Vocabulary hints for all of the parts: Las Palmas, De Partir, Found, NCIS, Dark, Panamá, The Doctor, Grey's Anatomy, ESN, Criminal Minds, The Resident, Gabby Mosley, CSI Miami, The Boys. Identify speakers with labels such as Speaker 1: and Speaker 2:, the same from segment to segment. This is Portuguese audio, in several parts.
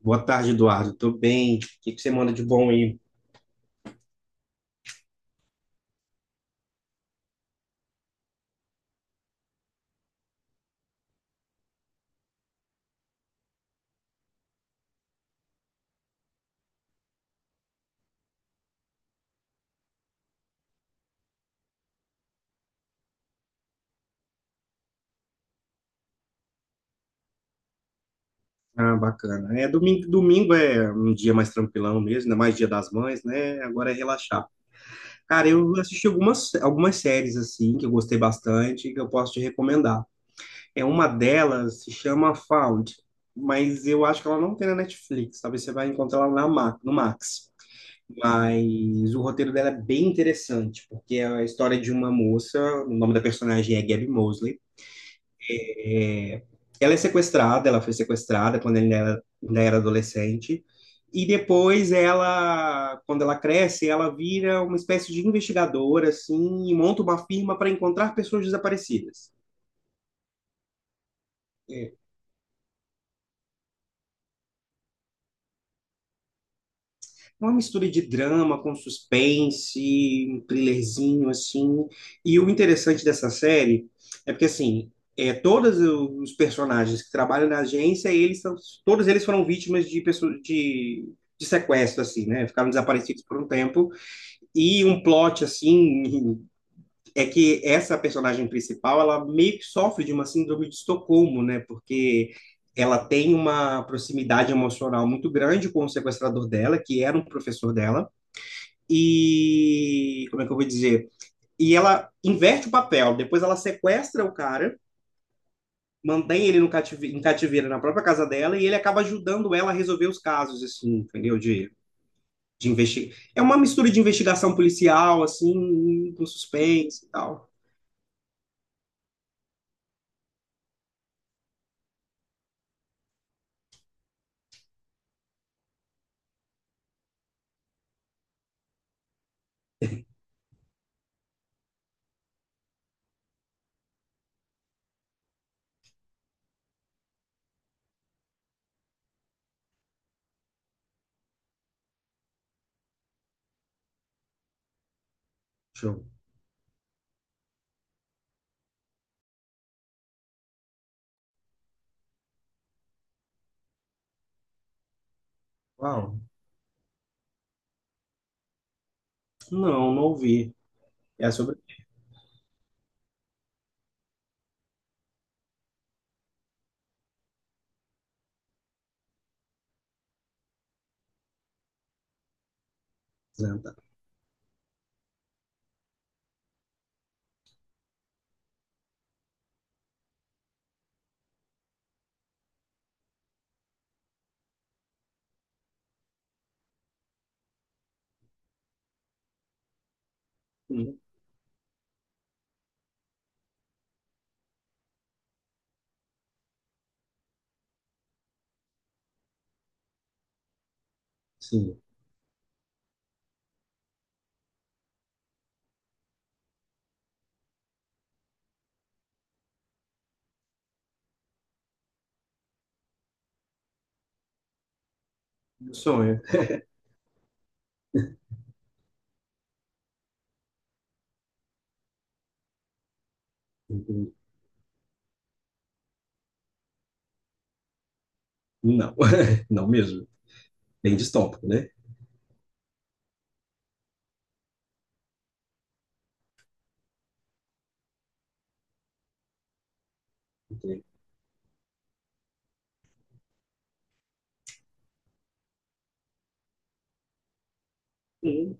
Speaker 1: Boa tarde, Eduardo. Tô bem. O que que você manda de bom aí? Ah, bacana. É, domingo, domingo é um dia mais tranquilão mesmo, ainda mais Dia das Mães, né? Agora é relaxar. Cara, eu assisti algumas séries, assim, que eu gostei bastante, que eu posso te recomendar. É uma delas, se chama Found, mas eu acho que ela não tem na Netflix, talvez você vai encontrar ela no Max. Mas o roteiro dela é bem interessante, porque é a história de uma moça, o nome da personagem é Gabby Mosley. É, Ela é sequestrada, ela foi sequestrada quando ainda era adolescente, e depois ela, quando ela cresce, ela vira uma espécie de investigadora, assim, e monta uma firma para encontrar pessoas desaparecidas. É, Uma mistura de drama com suspense, um thrillerzinho assim. E o interessante dessa série é porque assim, todos os personagens que trabalham na agência, todos eles foram vítimas de pessoas de sequestro assim, né? Ficaram desaparecidos por um tempo. E um plot assim é que essa personagem principal, ela meio que sofre de uma síndrome de Estocolmo, né? Porque ela tem uma proximidade emocional muito grande com o sequestrador dela, que era um professor dela Como é que eu vou dizer? E ela inverte o papel. Depois ela sequestra o cara, mantém ele no cative... em cativeiro na própria casa dela e ele acaba ajudando ela a resolver os casos, assim, entendeu? De investir. É uma mistura de investigação policial, assim, com suspense e tal. Show. Uau. Não, não ouvi. É sobre. Apresenta. Hum. Sim, meu sonho. Não, não mesmo. Bem distópico, né? Sim.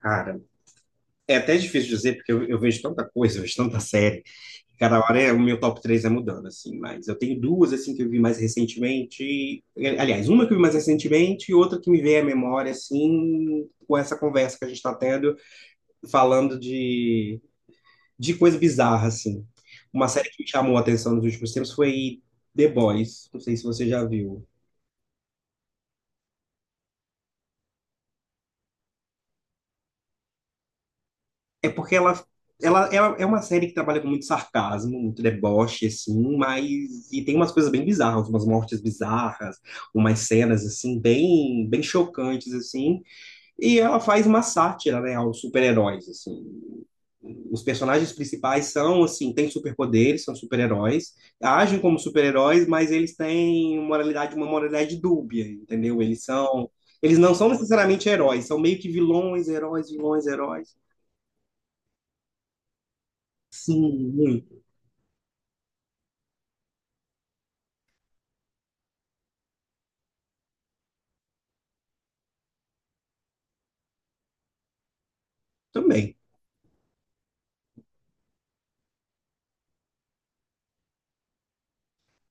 Speaker 1: Cara, é até difícil dizer, porque eu vejo tanta coisa, eu vejo tanta série, cada hora o meu top 3 é mudando, assim, mas eu tenho duas, assim, que eu vi mais recentemente, aliás, uma que eu vi mais recentemente e outra que me veio à memória, assim, com essa conversa que a gente está tendo, falando de coisa bizarra, assim. Uma série que me chamou a atenção nos últimos tempos foi The Boys, não sei se você já viu. É porque ela é uma série que trabalha com muito sarcasmo, muito deboche, assim, mas. E tem umas coisas bem bizarras, umas mortes bizarras, umas cenas, assim, bem, bem chocantes, assim. E ela faz uma sátira, né, aos super-heróis, assim. Os personagens principais são, assim, têm superpoderes, são super-heróis, agem como super-heróis, mas eles têm moralidade, uma moralidade dúbia, entendeu? Eles são. Eles não são necessariamente heróis, são meio que vilões, heróis, vilões, heróis. Sim. Também.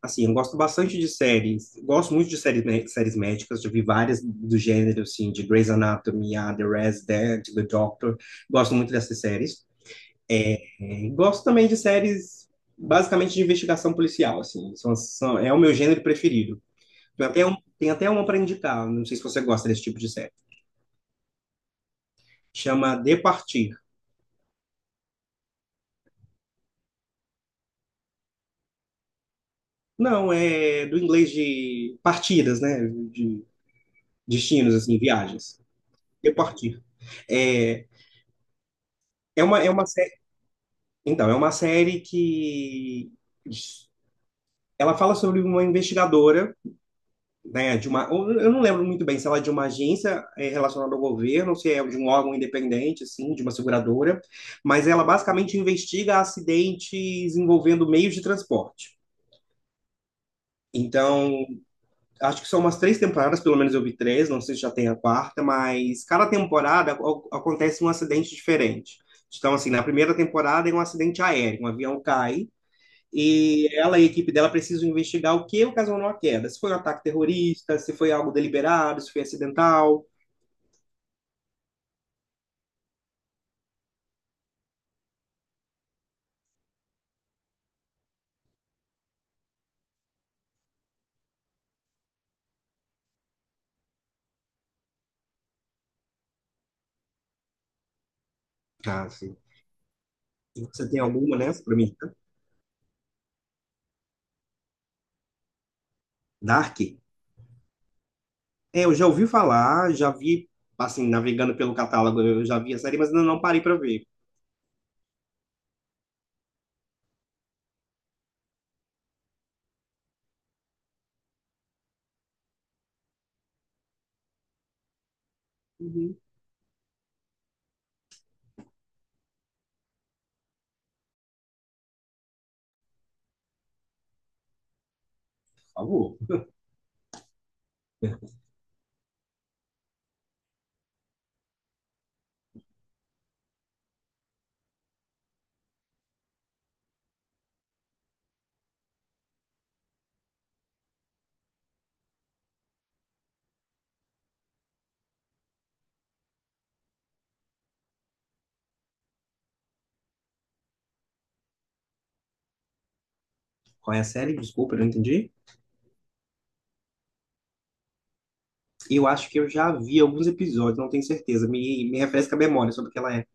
Speaker 1: Assim, eu gosto bastante de séries, gosto muito de séries, séries médicas, já vi várias do gênero, assim, de Grey's Anatomy, a The Resident, The Doctor, gosto muito dessas séries. É, gosto também de séries, basicamente, de investigação policial, assim, é o meu gênero preferido. Tem até uma para indicar, não sei se você gosta desse tipo de série, chama De Partir. Não, é do inglês de partidas, né, de destinos, assim, viagens. De Partir. É, é uma Então, é uma série que ela fala sobre uma investigadora, né, eu não lembro muito bem se ela é de uma agência relacionada ao governo, ou se é de um órgão independente, assim, de uma seguradora, mas ela basicamente investiga acidentes envolvendo meios de transporte. Então, acho que são umas três temporadas, pelo menos eu vi três, não sei se já tem a quarta, mas cada temporada acontece um acidente diferente. Então, assim, na primeira temporada é um acidente aéreo, um avião cai. E ela e a equipe dela precisam investigar o que ocasionou a queda. Se foi um ataque terrorista, se foi algo deliberado, se foi acidental. Ah, sim. E você tem alguma nessa pra mim? Tá? Dark? É, eu já ouvi falar, já vi, assim, navegando pelo catálogo, eu já vi a série, mas ainda não parei pra ver. Uhum. Por favor. Qual é a série? Desculpa, eu não entendi. Eu acho que eu já vi alguns episódios, não tenho certeza. Me refresca a memória sobre o que ela é.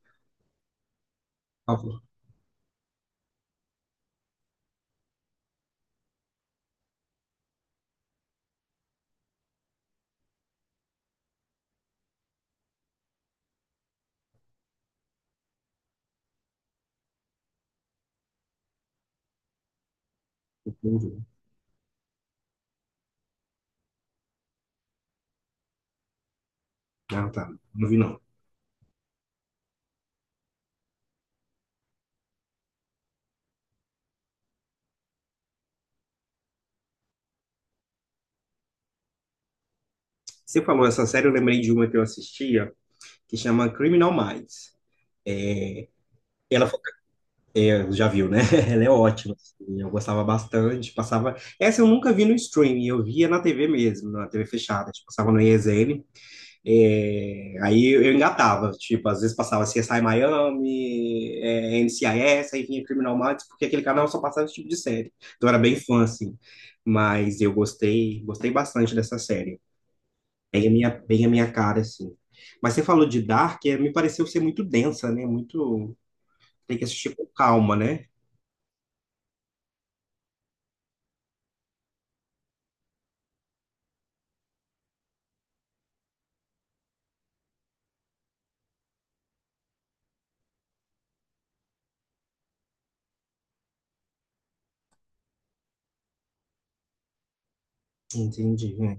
Speaker 1: Ah, tá. Não vi, não. Você falou essa série, eu lembrei de uma que eu assistia, que chama Criminal Minds. Ela foi- é, já viu, né? Ela é ótima. Assim, eu gostava bastante. Passava. Essa eu nunca vi no streaming, eu via na TV mesmo, na TV fechada. Tipo, passava no ESN. Aí eu engatava. Tipo, às vezes passava CSI Miami, NCIS, aí vinha Criminal Minds, porque aquele canal só passava esse tipo de série. Então eu era bem fã, assim. Mas eu gostei, gostei bastante dessa série. Bem a minha cara, assim. Mas você falou de Dark, me pareceu ser muito densa, né? Muito. Tem que assistir com calma, né? Entendi. É.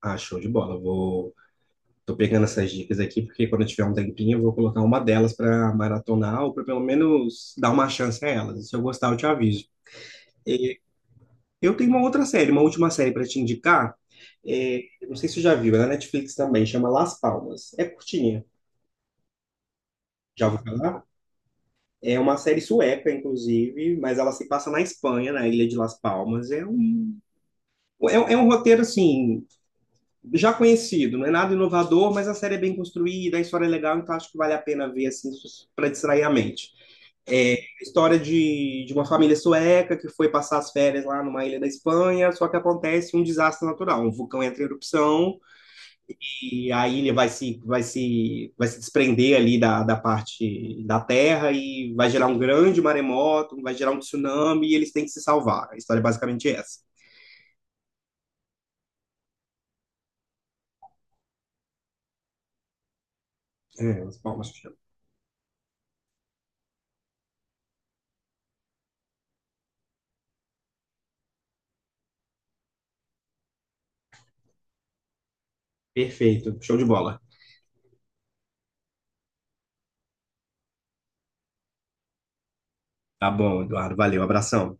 Speaker 1: Ah, show de bola. Vou... Tô pegando essas dicas aqui, porque quando eu tiver um tempinho, eu vou colocar uma delas para maratonar, ou para pelo menos dar uma chance a elas. Se eu gostar, eu te aviso. É, Eu tenho uma outra série, uma última série para te indicar. É, não sei se você já viu, é na Netflix também, chama Las Palmas. É curtinha, já ouviu falar? É uma série sueca, inclusive, mas ela se passa na Espanha, na ilha de Las Palmas. É um roteiro, assim, já conhecido, não é nada inovador, mas a série é bem construída, a história é legal, então acho que vale a pena ver assim para distrair a mente. É a história de uma família sueca que foi passar as férias lá numa ilha da Espanha, só que acontece um desastre natural, um vulcão entra em erupção e a ilha vai se desprender ali da parte da terra e vai gerar um grande maremoto, vai gerar um tsunami e eles têm que se salvar. A história é basicamente essa. É, as palmas. Perfeito, show de bola. Tá bom, Eduardo. Valeu, abração.